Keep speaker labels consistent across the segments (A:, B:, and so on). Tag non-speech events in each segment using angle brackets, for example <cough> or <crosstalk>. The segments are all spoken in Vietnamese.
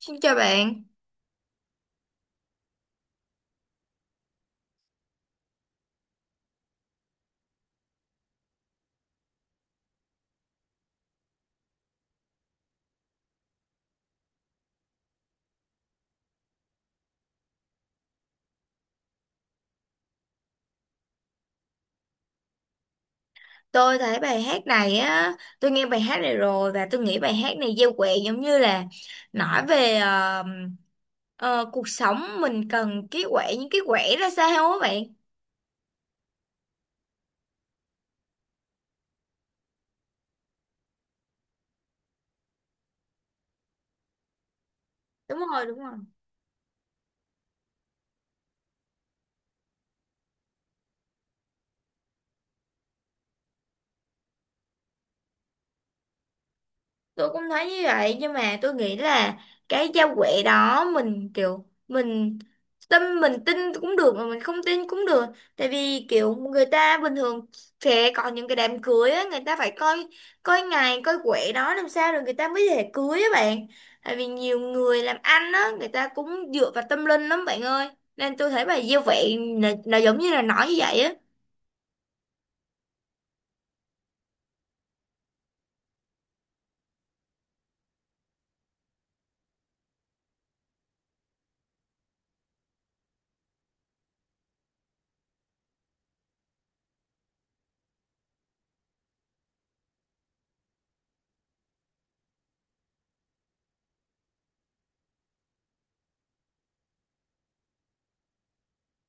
A: Xin chào bạn. Tôi thấy bài hát này á, tôi nghe bài hát này rồi và tôi nghĩ bài hát này gieo quẹ giống như là nói về cuộc sống mình cần cái quẹ, những cái quẹ ra sao á bạn. Đúng rồi, đúng rồi. Tôi cũng thấy như vậy, nhưng mà tôi nghĩ là cái giao quẹ đó mình kiểu mình tâm, mình tin cũng được mà mình không tin cũng được. Tại vì kiểu người ta bình thường sẽ còn những cái đám cưới á, người ta phải coi coi ngày, coi quẹ đó làm sao rồi người ta mới thể cưới á bạn. Tại vì nhiều người làm ăn á, người ta cũng dựa vào tâm linh lắm bạn ơi, nên tôi thấy bài giao quẹ là giống như là nói như vậy á.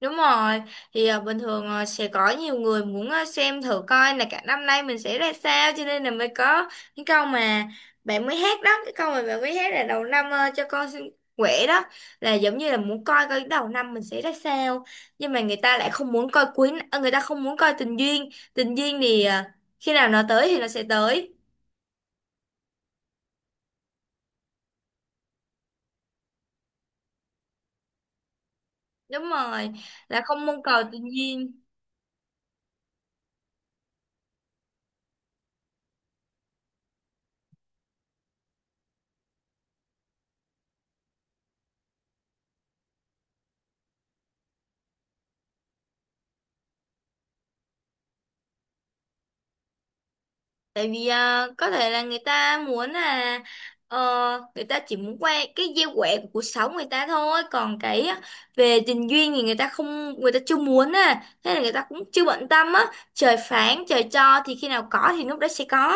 A: Đúng rồi, thì bình thường sẽ có nhiều người muốn xem thử coi là cả năm nay mình sẽ ra sao, cho nên là mới có cái câu mà bạn mới hát đó, cái câu mà bạn mới hát là đầu năm à, cho con xin quẻ đó, là giống như là muốn coi coi đầu năm mình sẽ ra sao. Nhưng mà người ta lại không muốn coi quý à, người ta không muốn coi tình duyên. Tình duyên thì khi nào nó tới thì nó sẽ tới. Đúng rồi, là không mong cầu tình duyên. Tại vì có thể là người ta muốn là ờ, người ta chỉ muốn quay cái gieo quẻ của cuộc sống người ta thôi, còn cái về tình duyên thì người ta chưa muốn à, thế là người ta cũng chưa bận tâm á. Trời phán trời cho, thì khi nào có thì lúc đó sẽ có.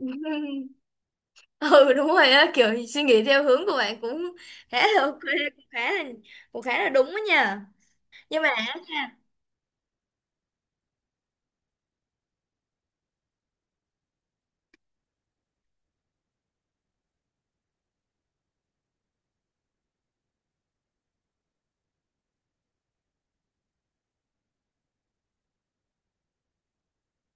A: <laughs> Ừ, đúng rồi á, kiểu suy nghĩ theo hướng của bạn cũng khá là ok, cũng khá là, cũng khá là đúng đó nha. nhưng mà á,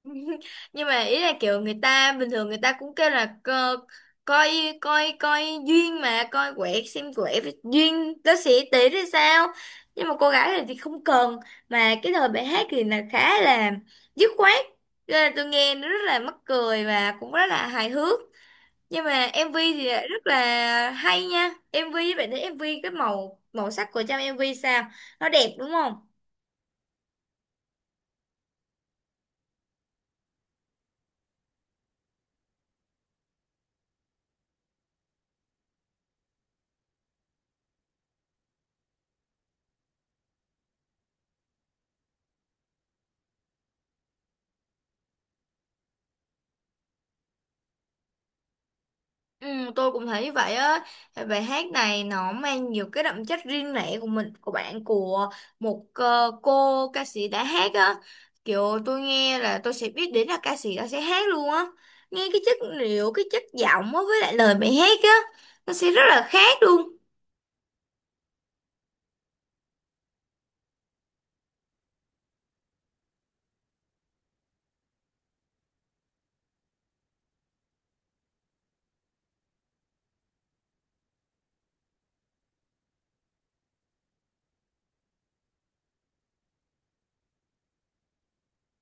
A: <laughs> nhưng mà ý là kiểu người ta bình thường người ta cũng kêu là co, coi coi coi duyên, mà coi quẻ xem quẻ với duyên nó sẽ tỷ thì sao. Nhưng mà cô gái này thì không cần, mà cái lời bài hát thì là khá là dứt khoát. Cho nên là tôi nghe nó rất là mắc cười và cũng rất là hài hước. Nhưng mà MV thì lại rất là hay nha. MV bạn thấy, MV cái màu màu sắc của trong MV sao, nó đẹp đúng không. Ừ, tôi cũng thấy vậy á. Bài hát này nó mang nhiều cái đậm chất riêng lẻ của mình, của bạn, của một cô ca sĩ đã hát á. Kiểu tôi nghe là tôi sẽ biết đến là ca sĩ đó sẽ hát luôn á. Nghe cái chất liệu, cái chất giọng á với lại lời bài hát á, nó sẽ rất là khác luôn.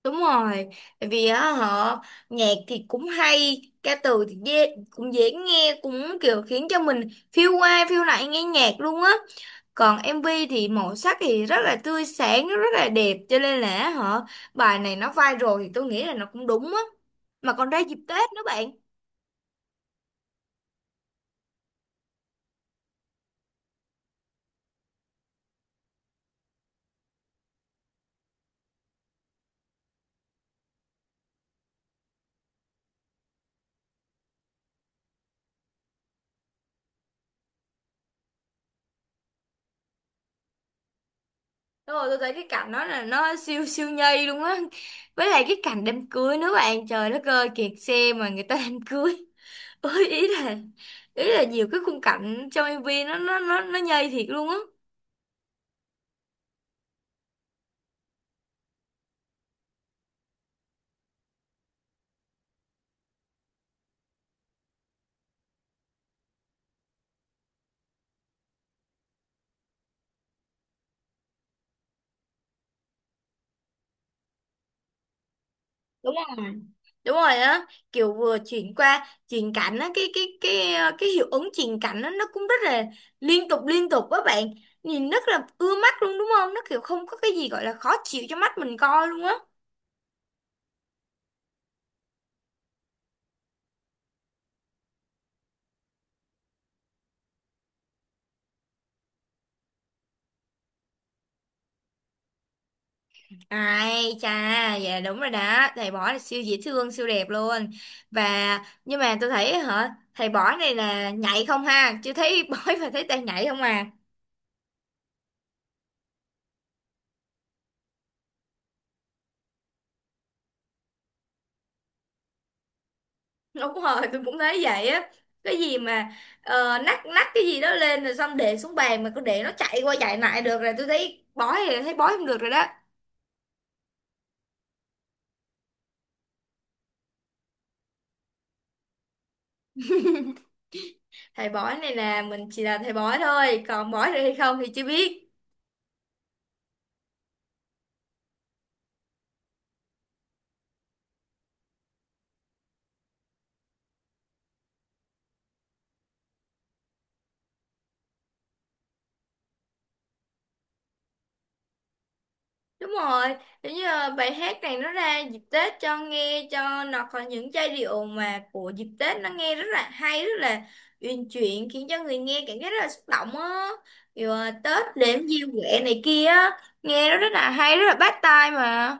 A: Đúng rồi, tại vì á họ nhạc thì cũng hay, ca từ thì dễ, cũng dễ nghe, cũng kiểu khiến cho mình phiêu qua phiêu lại nghe nhạc luôn á. Còn MV thì màu sắc thì rất là tươi sáng, rất là đẹp, cho nên là họ bài này nó viral thì tôi nghĩ là nó cũng đúng á. Mà còn ra dịp Tết nữa bạn. Đúng rồi, tôi thấy cái cảnh đó là nó siêu siêu nhây luôn á. Với lại cái cảnh đám cưới nữa bạn, trời đất ơi, kẹt xe mà người ta đám cưới. Ôi, ý là nhiều cái khung cảnh trong MV nó nhây thiệt luôn á. Đúng rồi, đúng rồi á, kiểu vừa chuyển qua chuyển cảnh á, cái hiệu ứng chuyển cảnh á nó cũng rất là liên tục á bạn. Nhìn rất là ưa mắt luôn đúng không, nó kiểu không có cái gì gọi là khó chịu cho mắt mình coi luôn á. Ai chà, dạ đúng rồi đó, thầy bỏ là siêu dễ thương, siêu đẹp luôn. Và nhưng mà tôi thấy hả, thầy bỏ này là nhảy không ha, chưa thấy <laughs> bói và thấy tay nhảy không à. Đúng rồi, tôi cũng thấy vậy á. Cái gì mà nắt nắt cái gì đó lên rồi xong để xuống bàn mà cứ để nó chạy qua chạy lại được, rồi tôi thấy bói thì thấy bói không được rồi đó. Thầy bói này là mình chỉ là thầy bói thôi, còn bói được hay không thì chưa biết. Đúng rồi, giống như bài hát này nó ra dịp Tết cho nghe, cho nó có những giai điệu mà của dịp Tết nó nghe rất là hay, rất là uyển chuyển, khiến cho người nghe cảm giác rất là xúc động á. Kiểu ờ, Tết đếm diêu quẻ này kia á, nghe nó rất là hay, rất là bắt tai mà.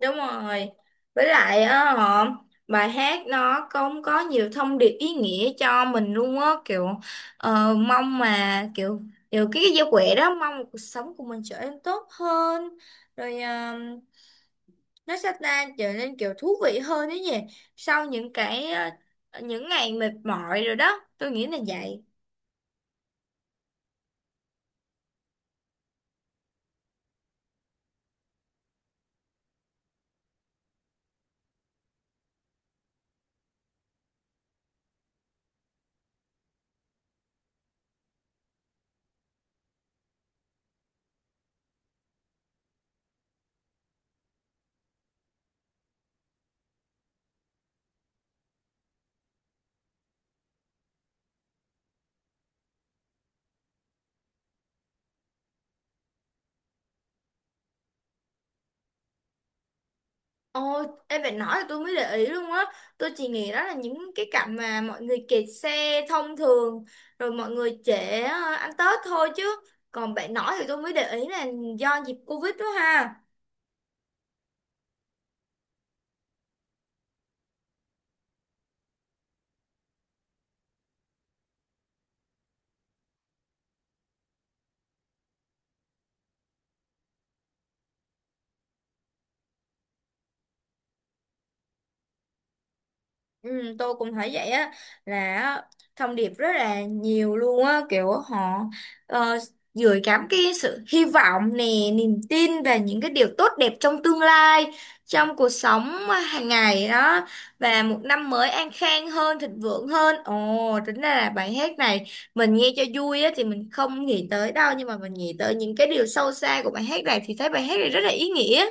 A: Đúng rồi. Với lại á họ bài hát nó cũng có nhiều thông điệp ý nghĩa cho mình luôn á, kiểu mong mà kiểu kiểu cái giao quẹ đó mong cuộc sống của mình trở nên tốt hơn, rồi nó sẽ ta trở nên kiểu thú vị hơn đấy nhỉ, sau những cái những ngày mệt mỏi rồi đó, tôi nghĩ là vậy. Ồ, em phải nói là tôi mới để ý luôn á. Tôi chỉ nghĩ đó là những cái cảnh mà mọi người kẹt xe thông thường, rồi mọi người trễ ăn Tết thôi chứ. Còn bạn nói thì tôi mới để ý là do dịp Covid đó ha. Ừ, tôi cũng thấy vậy á, là á, thông điệp rất là nhiều luôn á kiểu họ uh, gửi gắm cái sự hy vọng nè, niềm tin về những cái điều tốt đẹp trong tương lai, trong cuộc sống hàng ngày đó, và một năm mới an khang hơn, thịnh vượng hơn. Ồ, tính ra là bài hát này mình nghe cho vui á thì mình không nghĩ tới đâu, nhưng mà mình nghĩ tới những cái điều sâu xa của bài hát này thì thấy bài hát này rất là ý nghĩa.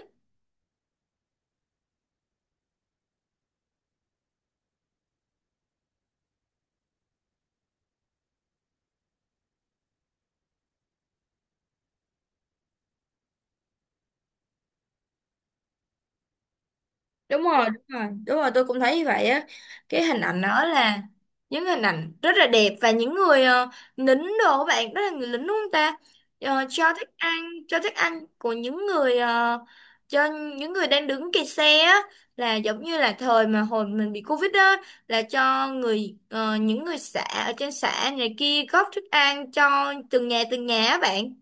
A: Đúng rồi, tôi cũng thấy như vậy á. Cái hình ảnh đó là những hình ảnh rất là đẹp, và những người lính đồ các bạn đó là người lính đúng không ta. Ờ, cho thức ăn, cho thức ăn của những người cho những người đang đứng kẹt xe á, là giống như là thời mà hồi mình bị Covid á, là cho người những người xã ở trên xã này kia góp thức ăn cho từng nhà á bạn.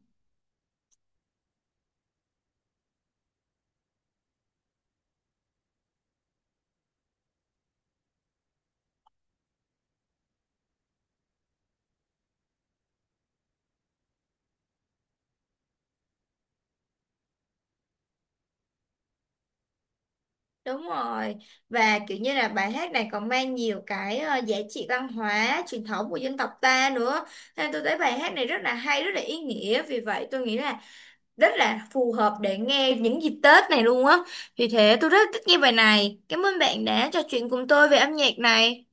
A: Đúng rồi, và kiểu như là bài hát này còn mang nhiều cái giá trị văn hóa truyền thống của dân tộc ta nữa, nên tôi thấy bài hát này rất là hay, rất là ý nghĩa. Vì vậy tôi nghĩ là rất là phù hợp để nghe những dịp Tết này luôn á, vì thế tôi rất thích nghe bài này. Cảm ơn bạn đã trò chuyện cùng tôi về âm nhạc này.